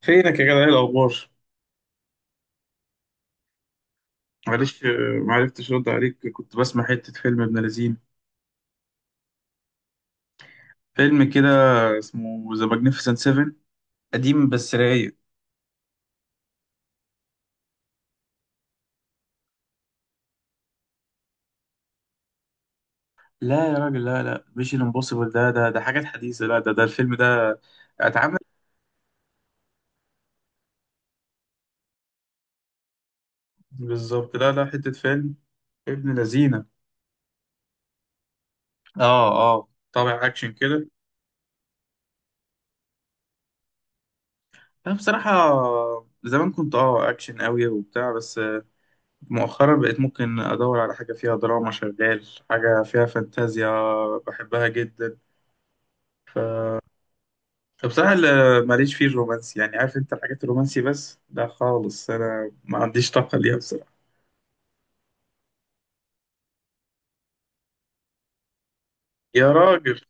فينك يا جدع، ايه الاخبار؟ معلش، معرفتش ارد عليك، كنت بسمع حته فيلم ابن لذين. فيلم كده اسمه ذا ماجنيفيسنت 7، قديم بس رايق. لا يا راجل، لا لا، مش الامبوسيبل ده حاجات حديثه. لا، ده الفيلم ده اتعمل بالظبط. لا لا، حته فيلم ابن لذينه. اه اه، طابع اكشن كده. انا بصراحه زمان كنت اكشن قوي وبتاع، بس مؤخرا بقيت ممكن ادور على حاجه فيها دراما، شغال حاجه فيها فانتازيا، بحبها جدا. فبصراحة ماليش فيه الرومانسي، يعني عارف انت الحاجات الرومانسي بس ده خالص، انا ما عنديش طاقة ليها بصراحة. يا راجل.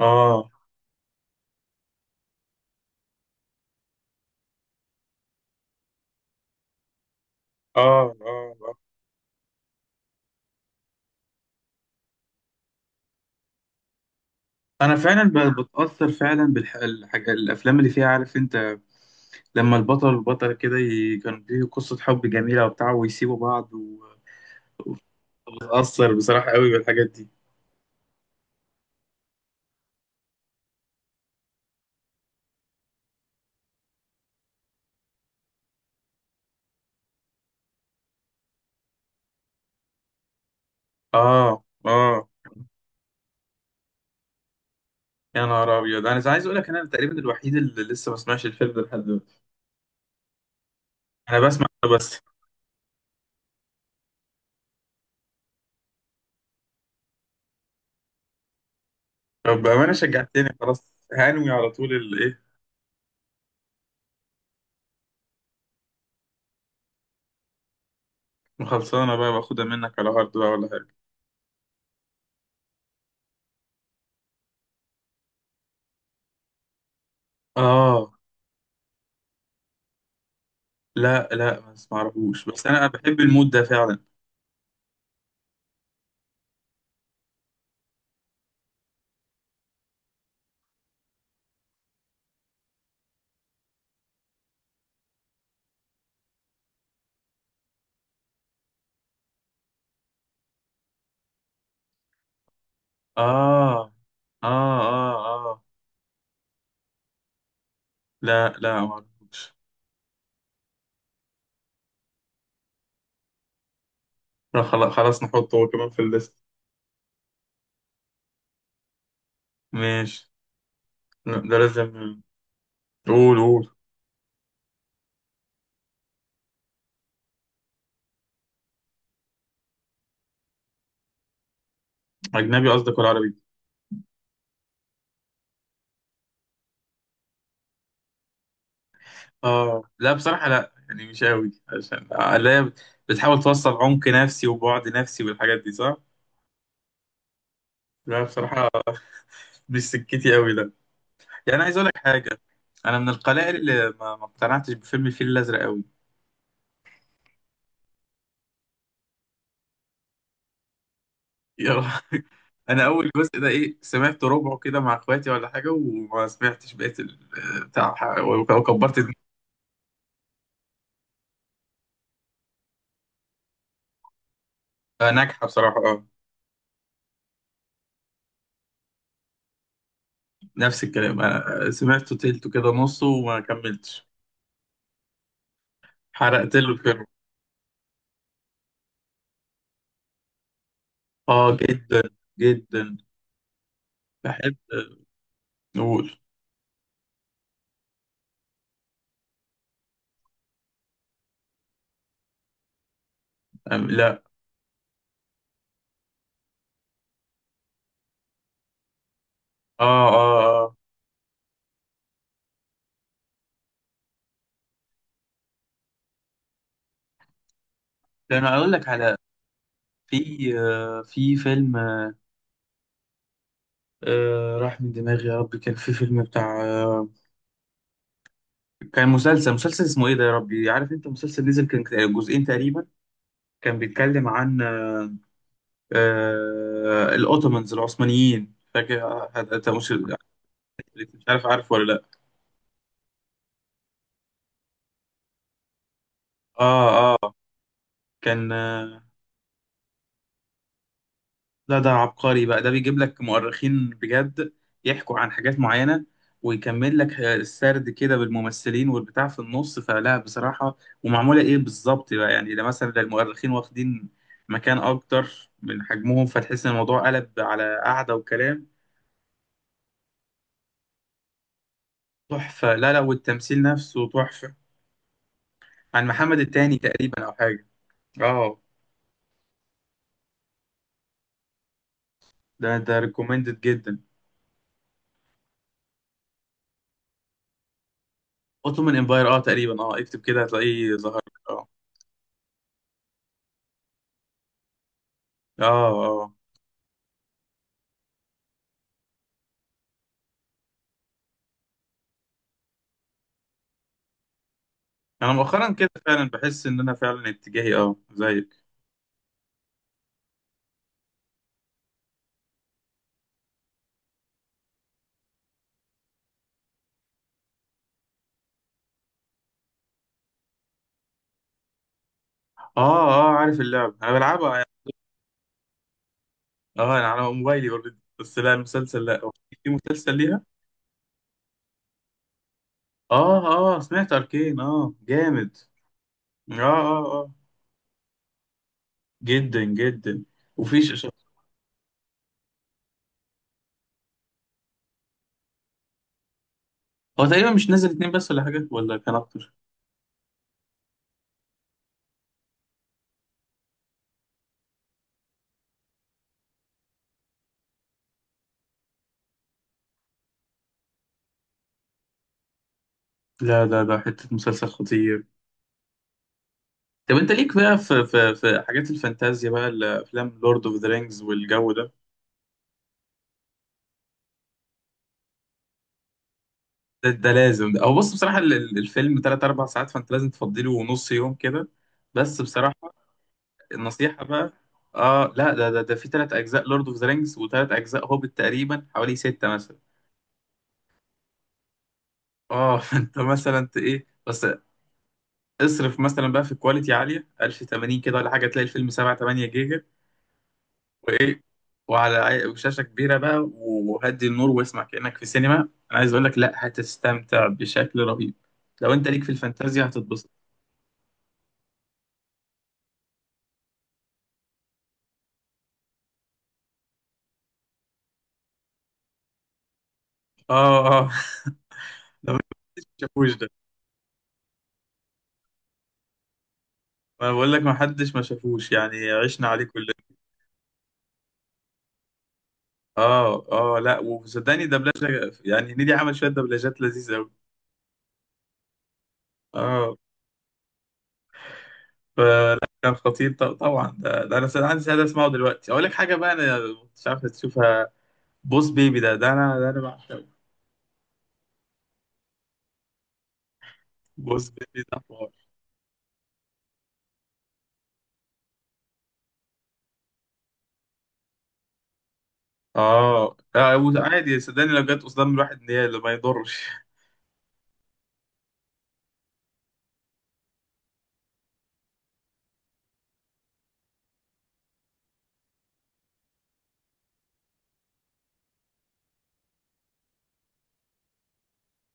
اه اه اه آه. انا فعلا بتأثر فعلا بالحاجة، الافلام اللي فيها عارف انت، لما البطل والبطلة كده كان فيه قصة حب جميلة وبتاع، ويسيبوا بعض، وبتأثر بصراحة قوي بالحاجات دي. اه اه. يا نهار ابيض، انا عايز اقول لك انا تقريبا الوحيد اللي لسه ما سمعش الفيلم ده لحد دلوقتي. انا بسمع بس. طب بأمانة شجعتني، خلاص هنوي على طول الإيه، وخلصانة بقى باخدها منك على هارد بقى ولا حاجة. آه، لا لا، بس معرفوش، بس أنا بحب المود ده فعلا. آه آه آه. آه لا لا، معرفوش. لا خلاص خلاص، نحطه هو كمان في الليست. ماشي. لا، ده لازم. قول قول. أجنبي قصدك ولا عربي؟ آه لا بصراحة، لا يعني مش قوي، عشان لا. بتحاول توصل عمق نفسي، وبعد نفسي والحاجات دي صح؟ لا بصراحة مش سكتي قوي. يعني عايز اقول لك حاجه، انا من القلائل اللي ما اقتنعتش بفيلم الفيل الازرق قوي. يا رب. انا اول جزء ده ايه، سمعت ربعه كده مع اخواتي ولا حاجه، وما سمعتش بقيه بتاع، وكبرت دماغي. ناجحه بصراحه، اه. نفس الكلام، أنا سمعته تلته كده نصه وما كملتش. حرقت له الفيلم. اه جدا جدا. بحب نقول. لا اه اه اه. ده انا اقول لك على. في فيلم، راح من دماغي يا رب، كان في فيلم بتاع، كان مسلسل اسمه ايه ده يا ربي؟ عارف انت مسلسل نزل كان جزئين تقريبا، كان بيتكلم عن الاوتومانز العثمانيين، فاكر؟ انت مش عارف، عارف ولا لا؟ اه اه، كان، لا ده عبقري بقى، ده بيجيب لك مؤرخين بجد يحكوا عن حاجات معينة، ويكمل لك السرد كده بالممثلين والبتاع في النص، فلا بصراحة. ومعمولة ايه بالظبط بقى، يعني ده مثلا، ده المؤرخين واخدين مكان اكتر من حجمهم، فتحس ان الموضوع قلب على قعدة وكلام. تحفة، لا لا والتمثيل نفسه تحفة، عن محمد التاني تقريبا او حاجة. اه. ده ريكومندد جدا. اوتومان امباير، اه تقريبا، اه اكتب كده هتلاقيه ظهر لك. اه. اه، انا مؤخرا كده فعلا بحس ان انا فعلا اتجاهي اه زيك. اه اه، عارف اللعبه، انا بلعبها يعني. اه انا على موبايلي اوريدي، بس لا المسلسل لا. هو في مسلسل ليها؟ اه اه، سمعت اركين، اه جامد. اه اه اه، جدا جدا. وفي هو تقريبا مش نازل اتنين بس ولا حاجه، ولا كان اكتر؟ لا ده حته مسلسل خطير. طب انت ليك بقى في حاجات الفانتازيا بقى، الافلام، لورد اوف ذا رينجز والجو ده؟ ده لازم ده. او بص بصراحه، الفيلم 3 4 ساعات، فانت لازم تفضي له نص يوم كده، بس بصراحه النصيحه بقى. اه لا ده في ثلاث اجزاء لورد اوف ذا رينجز، وثلاث اجزاء هوبت، تقريبا حوالي سته مثلا. اه فانت مثلا ايه بس. اصرف مثلا بقى في كواليتي عاليه 1080 كده ولا حاجه، تلاقي الفيلم 7 8 جيجا وايه، وعلى شاشه كبيره بقى، وهدي النور واسمع كانك في سينما. انا عايز اقول لك، لا هتستمتع بشكل رهيب، لو انت ليك في الفانتازيا هتتبسط. اه اه لا، ما حدش ما شافوش ده. ما بقول لك، ما حدش ما شافوش، يعني عشنا عليه كلنا. اه اه، لا وصدقني دبلجه، يعني نيدي عمل شويه دبلجات لذيذه قوي. اه. فكان خطير. طبعا ده انا سأل عندي سعاده اسمعه دلوقتي. اقول لك حاجه بقى، انا مش عارف تشوفها، بوس بيبي ده، ده انا بعشقه. بوس بيبي ده حوار. اه، عادي صدقني، لو جت قدام الواحد نيال ما يضرش.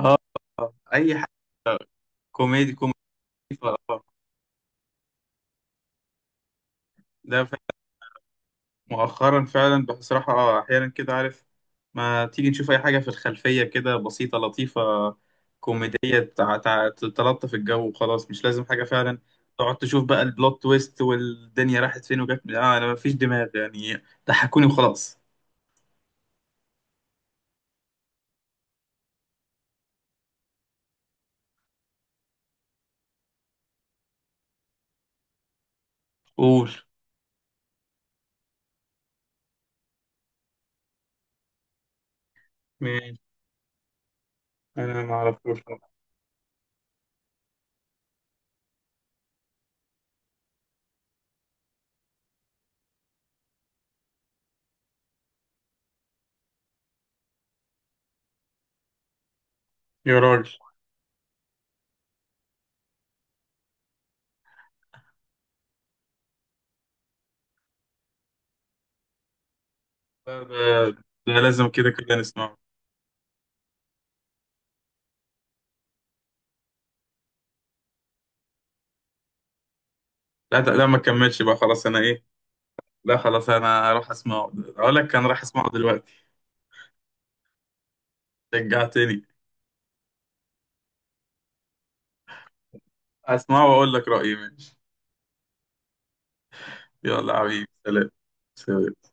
اه آه. اي حاجه كوميدي كوميدي. اه ده مؤخرا فعلا بصراحة، أحيانا كده عارف، ما تيجي نشوف أي حاجة في الخلفية كده، بسيطة لطيفة كوميدية، تلطف الجو وخلاص، مش لازم حاجة فعلا. تقعد تشوف بقى البلوت تويست، والدنيا راحت فين وجت أنا مفيش دماغ يعني، ضحكوني وخلاص. قول. مين؟ أنا ما أعرفوش. يا راجل. لا ده لازم، كده كده نسمعه. لا لا ما كملش بقى خلاص أنا إيه. لا خلاص، أنا راح أسمعه، أقول لك أنا راح أسمعه دلوقتي. رجعتني. اسمعه واقول لك رايي، ماشي. يلا يا حبيبي سلام. سلام.